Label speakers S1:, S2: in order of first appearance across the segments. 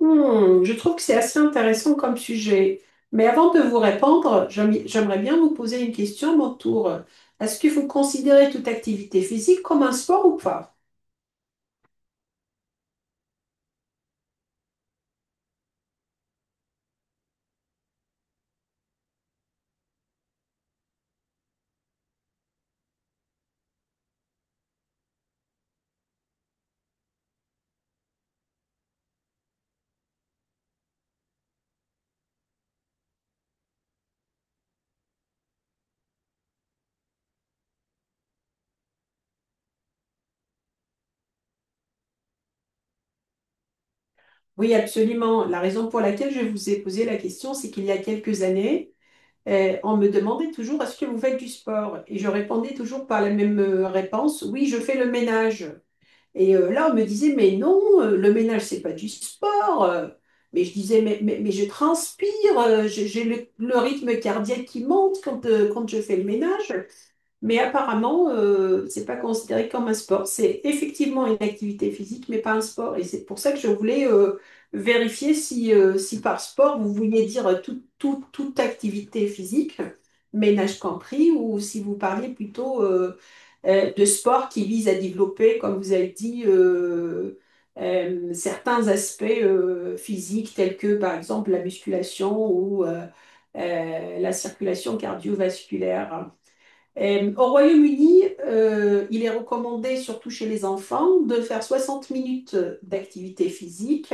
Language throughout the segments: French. S1: Je trouve que c'est assez intéressant comme sujet. Mais avant de vous répondre, j'aimerais bien vous poser une question à mon tour. Est-ce que vous considérez toute activité physique comme un sport ou pas? Oui, absolument. La raison pour laquelle je vous ai posé la question, c'est qu'il y a quelques années, on me demandait toujours est-ce que vous faites du sport? Et je répondais toujours par la même réponse, oui, je fais le ménage. Et là, on me disait, mais non, le ménage, c'est pas du sport, mais je disais, mais je transpire, j'ai le rythme cardiaque qui monte quand, quand je fais le ménage. Mais apparemment, c'est pas considéré comme un sport. C'est effectivement une activité physique, mais pas un sport. Et c'est pour ça que je voulais vérifier si, si par sport, vous vouliez dire toute activité physique, ménage compris, ou si vous parliez plutôt de sport qui vise à développer, comme vous avez dit, certains aspects physiques, tels que par exemple la musculation ou la circulation cardiovasculaire. Au Royaume-Uni, il est recommandé, surtout chez les enfants, de faire 60 minutes d'activité physique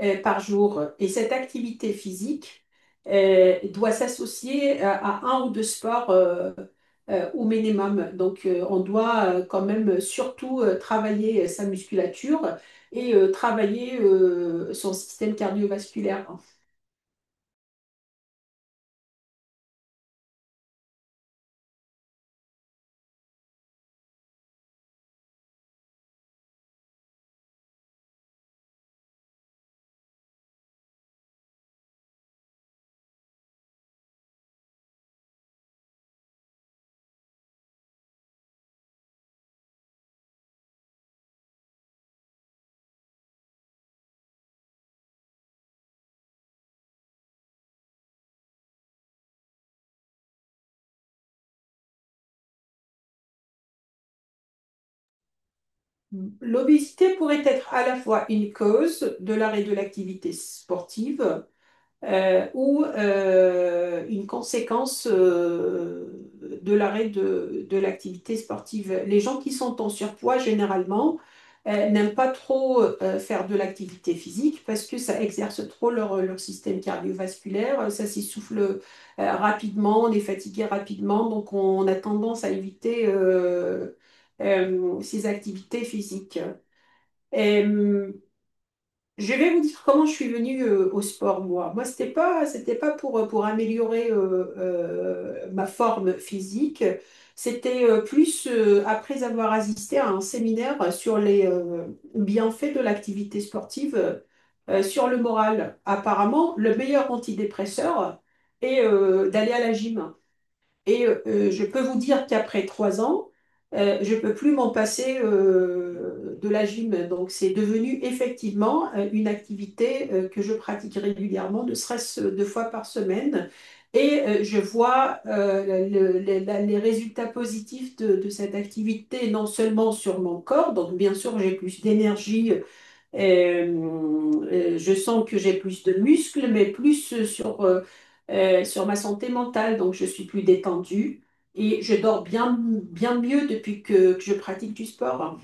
S1: par jour. Et cette activité physique doit s'associer à un ou deux sports au minimum. Donc, on doit quand même surtout travailler sa musculature et travailler son système cardiovasculaire. L'obésité pourrait être à la fois une cause de l'arrêt de l'activité sportive ou une conséquence de l'arrêt de l'activité sportive. Les gens qui sont en surpoids, généralement, n'aiment pas trop faire de l'activité physique parce que ça exerce trop leur, leur système cardiovasculaire, ça s'essouffle rapidement, on est fatigué rapidement, donc on a tendance à éviter ces activités physiques. Euh, je vais vous dire comment je suis venue au sport, moi. Moi, c'était pas pour, pour améliorer ma forme physique. C'était plus après avoir assisté à un séminaire sur les bienfaits de l'activité sportive sur le moral. Apparemment, le meilleur antidépresseur est d'aller à la gym. Et je peux vous dire qu'après 3 ans, je ne peux plus m'en passer de la gym. Donc, c'est devenu effectivement une activité que je pratique régulièrement, ne serait-ce 2 fois par semaine. Et je vois les résultats positifs de cette activité, non seulement sur mon corps, donc bien sûr j'ai plus d'énergie je sens que j'ai plus de muscles, mais plus sur sur ma santé mentale. Donc, je suis plus détendue et je dors bien, bien mieux depuis que je pratique du sport.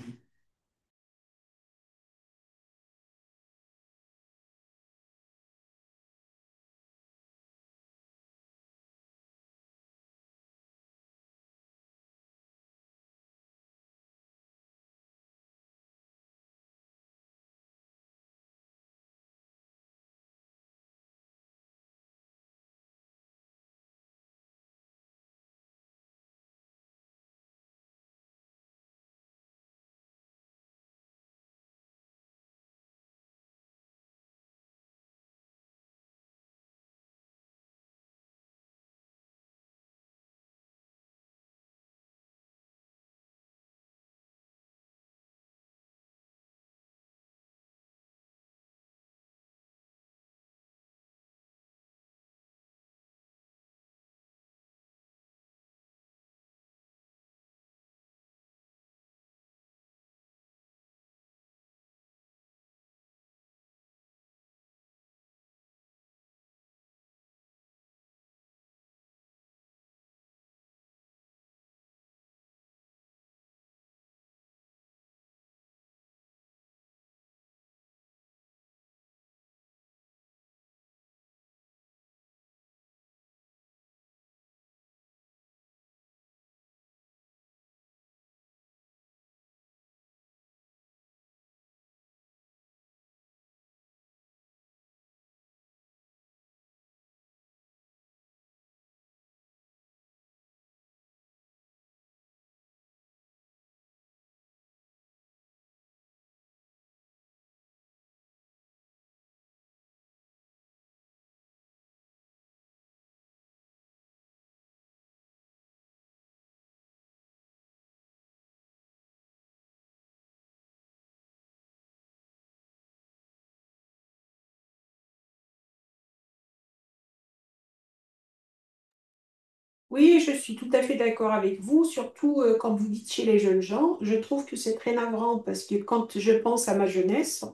S1: Oui, je suis tout à fait d'accord avec vous, surtout quand vous dites chez les jeunes gens. Je trouve que c'est très navrant parce que quand je pense à ma jeunesse,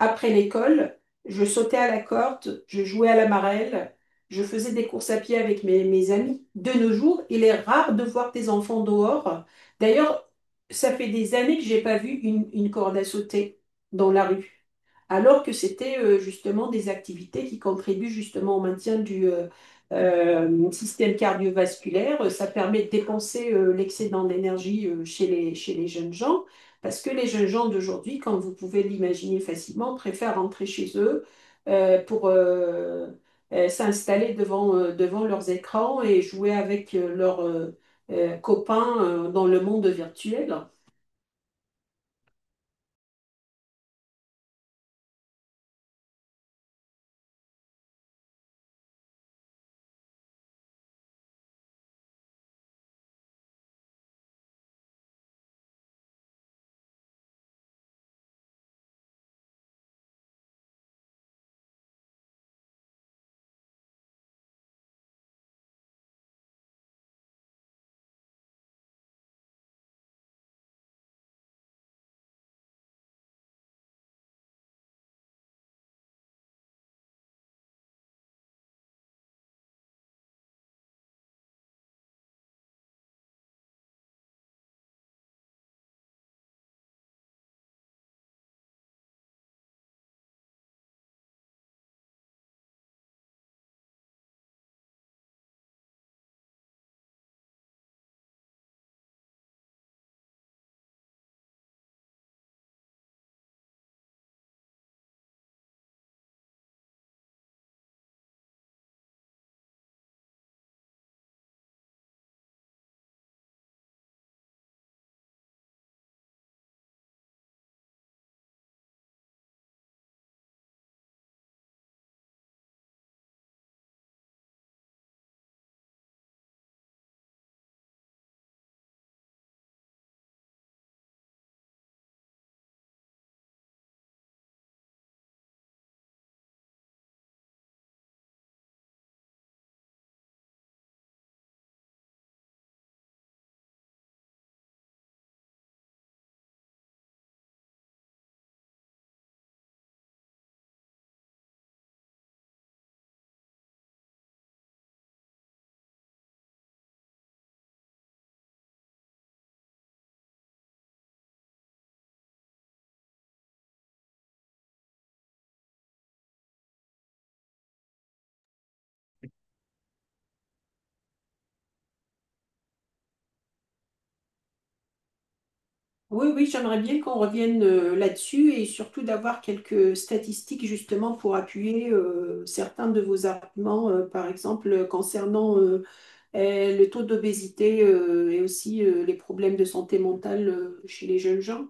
S1: après l'école, je sautais à la corde, je jouais à la marelle, je faisais des courses à pied avec mes, mes amis. De nos jours, il est rare de voir des enfants dehors. D'ailleurs, ça fait des années que j'ai pas vu une corde à sauter dans la rue, alors que c'était justement des activités qui contribuent justement au maintien du système cardiovasculaire. Ça permet de dépenser l'excédent d'énergie chez les jeunes gens. Parce que les jeunes gens d'aujourd'hui, comme vous pouvez l'imaginer facilement, préfèrent rentrer chez eux pour s'installer devant, devant leurs écrans et jouer avec leurs copains dans le monde virtuel. Oui, oui, j'aimerais bien qu'on revienne là-dessus et surtout d'avoir quelques statistiques justement pour appuyer certains de vos arguments, par exemple concernant le taux d'obésité et aussi les problèmes de santé mentale chez les jeunes gens.